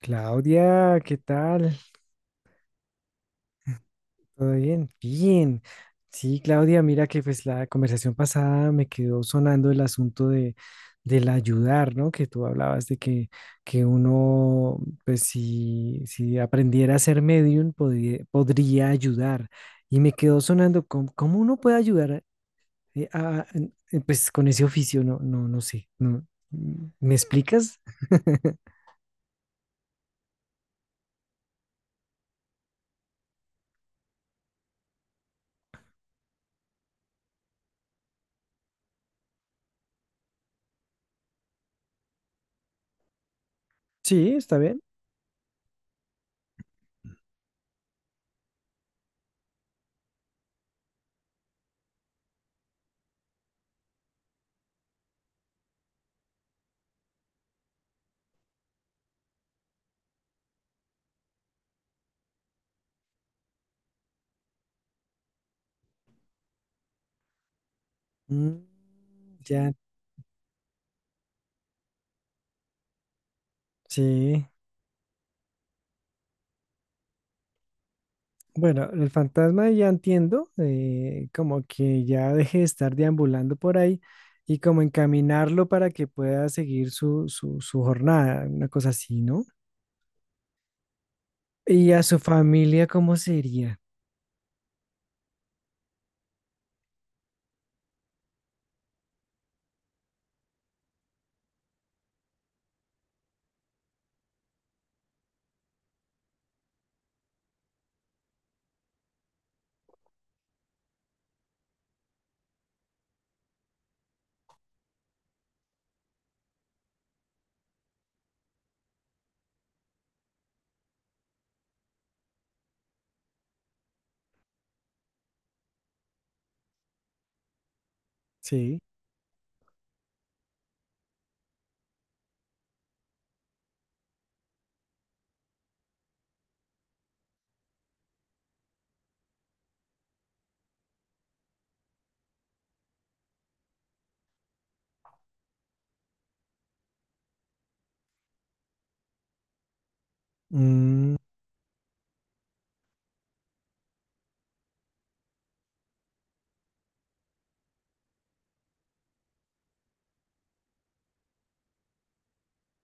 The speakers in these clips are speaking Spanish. Claudia, ¿qué tal? ¿Todo bien? Bien. Sí, Claudia, mira que pues la conversación pasada me quedó sonando el asunto de del ayudar, ¿no? Que tú hablabas de que uno, pues si aprendiera a ser medium, podría ayudar. Y me quedó sonando, ¿cómo uno puede ayudar eh, a- pues con ese oficio? No, no, no sé. No. ¿Me explicas? Sí, está bien. Mm, ya, sí. Bueno, el fantasma ya entiendo, como que ya deje de estar deambulando por ahí y como encaminarlo para que pueda seguir su jornada, una cosa así, ¿no? Y a su familia, ¿cómo sería? Sí. Mm.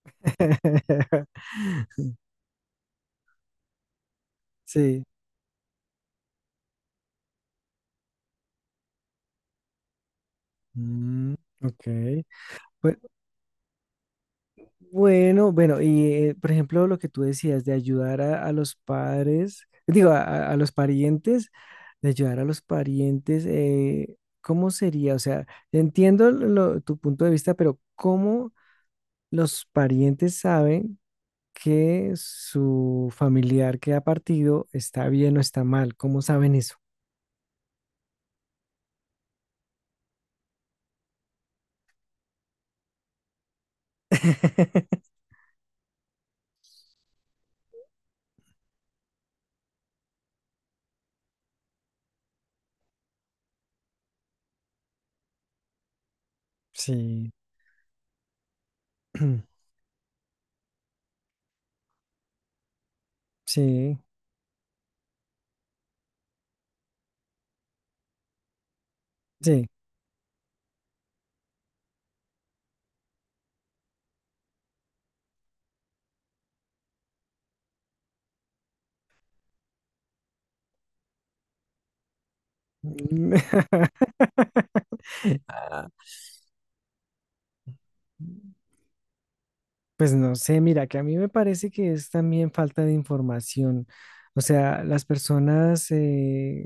Sí. Mm, ok. Pues, bueno, bueno, y por ejemplo, lo que tú decías de ayudar a los padres, digo, a los parientes, de ayudar a los parientes, ¿cómo sería? O sea, entiendo tu punto de vista, pero ¿cómo los parientes saben que su familiar que ha partido está bien o está mal? ¿Cómo saben eso? Sí, sí, sí. Pues no sé, mira, que a mí me parece que es también falta de información. O sea, las personas eh,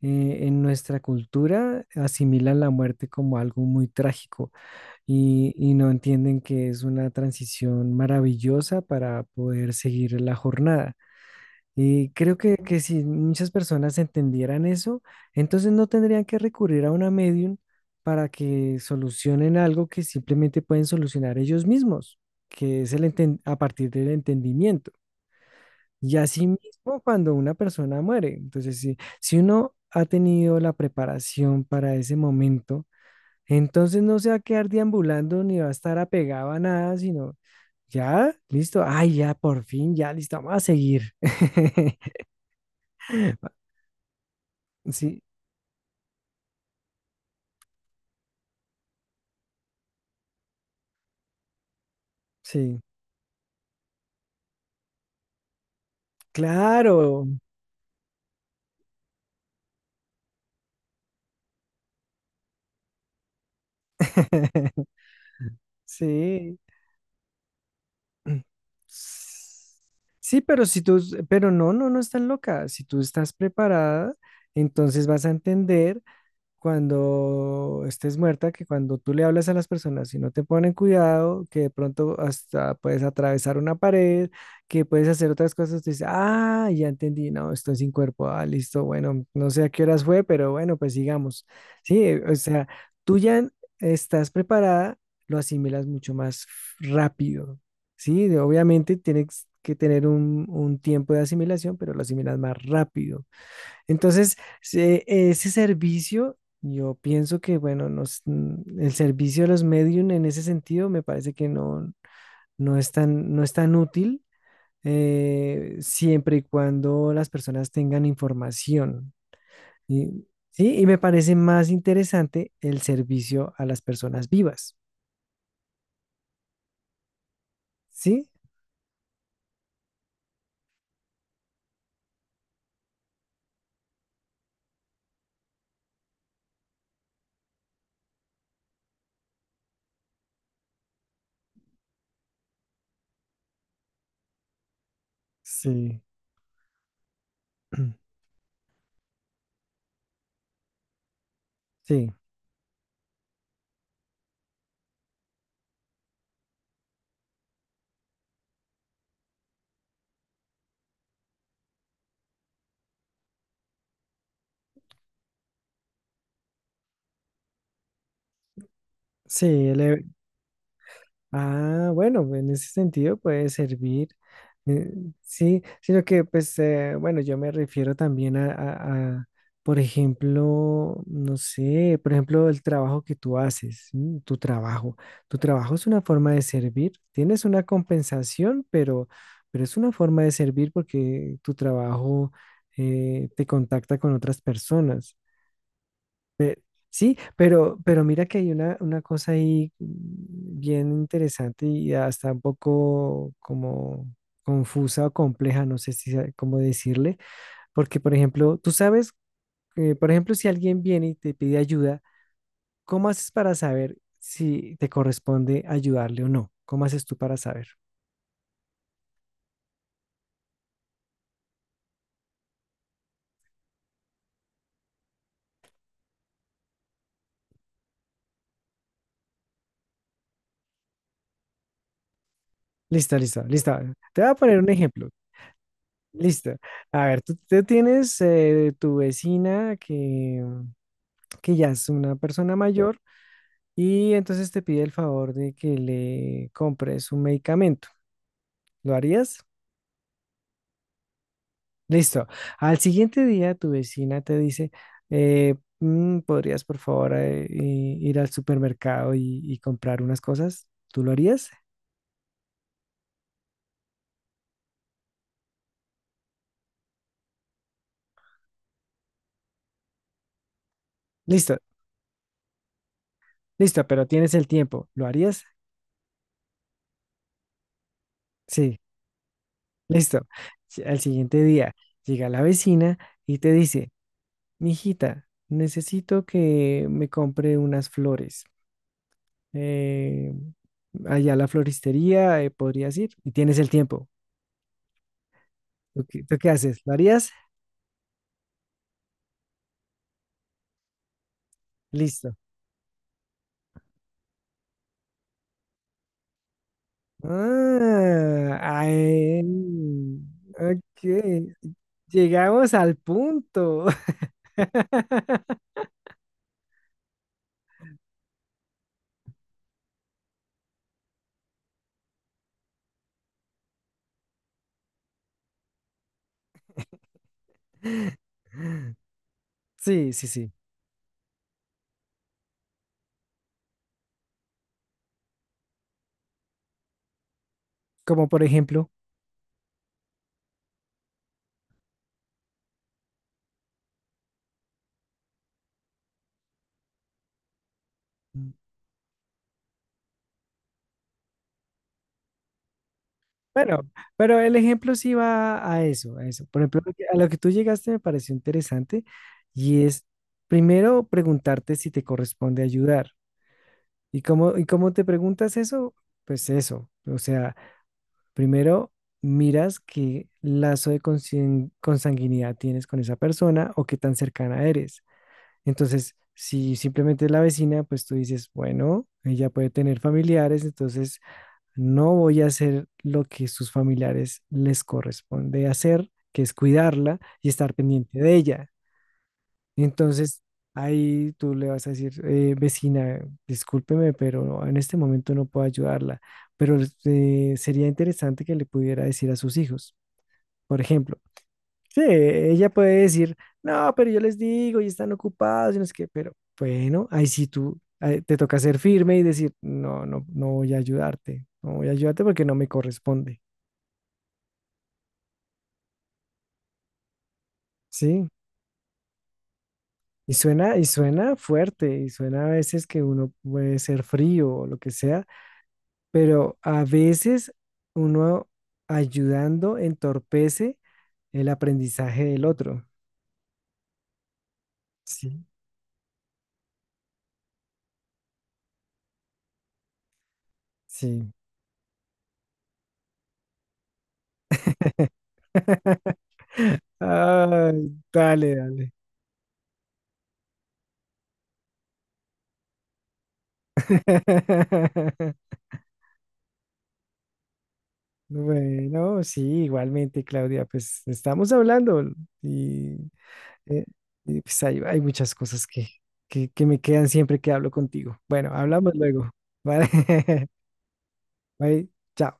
eh, en nuestra cultura asimilan la muerte como algo muy trágico y no entienden que es una transición maravillosa para poder seguir la jornada. Y creo que si muchas personas entendieran eso, entonces no tendrían que recurrir a una medium para que solucionen algo que simplemente pueden solucionar ellos mismos, que es a partir del entendimiento. Y así mismo cuando una persona muere. Entonces, si uno ha tenido la preparación para ese momento, entonces no se va a quedar deambulando ni va a estar apegado a nada, sino ya, listo, ay, ya, por fin, ya, listo, vamos a seguir. Sí, sí, claro. Sí. S- Sí, pero si tú, pero no, no, no estás loca. Si tú estás preparada, entonces vas a entender cuando estés muerta, que cuando tú le hablas a las personas y no te ponen cuidado, que de pronto hasta puedes atravesar una pared, que puedes hacer otras cosas, te dice, ah, ya entendí, no, estoy sin cuerpo, ah, listo, bueno, no sé a qué horas fue, pero bueno, pues sigamos. Sí, o sea, tú ya estás preparada, lo asimilas mucho más rápido, ¿sí? Obviamente tienes que tener un tiempo de asimilación, pero lo asimilas más rápido. Entonces, ese servicio, yo pienso que, bueno, el servicio de los medium en ese sentido me parece que no, no es tan útil siempre y cuando las personas tengan información. Y, sí, y me parece más interesante el servicio a las personas vivas. ¿Sí? Sí. Sí. Sí, el, ah, bueno, en ese sentido puede servir. eh, sí, sino que, pues, bueno, yo me refiero también a, por ejemplo, no sé, por ejemplo, el trabajo que tú haces, ¿sí? Tu trabajo. Tu trabajo es una forma de servir. Tienes una compensación, pero es una forma de servir porque tu trabajo te contacta con otras personas. Sí, pero mira que hay una cosa ahí mm, bien interesante y hasta un poco como confusa o compleja, no sé si sa- cómo decirle, porque por ejemplo, tú sabes, por ejemplo, si alguien viene y te pide ayuda, ¿cómo haces para saber si te corresponde ayudarle o no? ¿Cómo haces tú para saber? Listo, listo, listo. Te voy a poner un ejemplo. Listo. A ver, tú tienes tu vecina que ya es una persona mayor y entonces te pide el favor de que le compres un medicamento. ¿Lo harías? Listo. Al siguiente día tu vecina te dice, eh, ¿podrías por favor ir al supermercado y comprar unas cosas? ¿Tú lo harías? Listo, listo, pero tienes el tiempo. ¿Lo harías? Sí, listo. Al siguiente día llega la vecina y te dice, mijita, necesito que me compre unas flores. eh, Allá a la floristería, podrías ir y tienes el tiempo. ¿Tú qué haces? ¿Lo harías? Listo. Ah, ay, ok. Llegamos al punto. Sí, sí, sí. Como por ejemplo, mm, bueno, pero el ejemplo sí va a eso. Por ejemplo, a lo que tú llegaste me pareció interesante y es primero preguntarte si te corresponde ayudar. ¿Y cómo te preguntas eso? Pues eso, o sea, primero miras qué lazo de consanguinidad tienes con esa persona o qué tan cercana eres. Entonces, si simplemente es la vecina, pues tú dices, bueno, ella puede tener familiares, entonces no voy a hacer lo que sus familiares les corresponde hacer, que es cuidarla y estar pendiente de ella. Entonces, ahí tú le vas a decir, vecina, discúlpeme, pero en este momento no puedo ayudarla, pero sería interesante que le pudiera decir a sus hijos, por ejemplo. Sí, ella puede decir, no, pero yo les digo y están ocupados y no sé qué, pero bueno, ahí sí tú te toca ser firme y decir, no, no, no voy a ayudarte, no voy a ayudarte porque no me corresponde, ¿sí? Y suena fuerte, y suena a veces que uno puede ser frío o lo que sea, pero a veces uno ayudando entorpece el aprendizaje del otro. Sí, sí. Ay, dale, dale. Bueno, sí, igualmente, Claudia, pues estamos hablando y, eh, y, pues hay muchas cosas que, que me quedan siempre que hablo contigo. Bueno, hablamos luego, ¿vale? Bye, chao.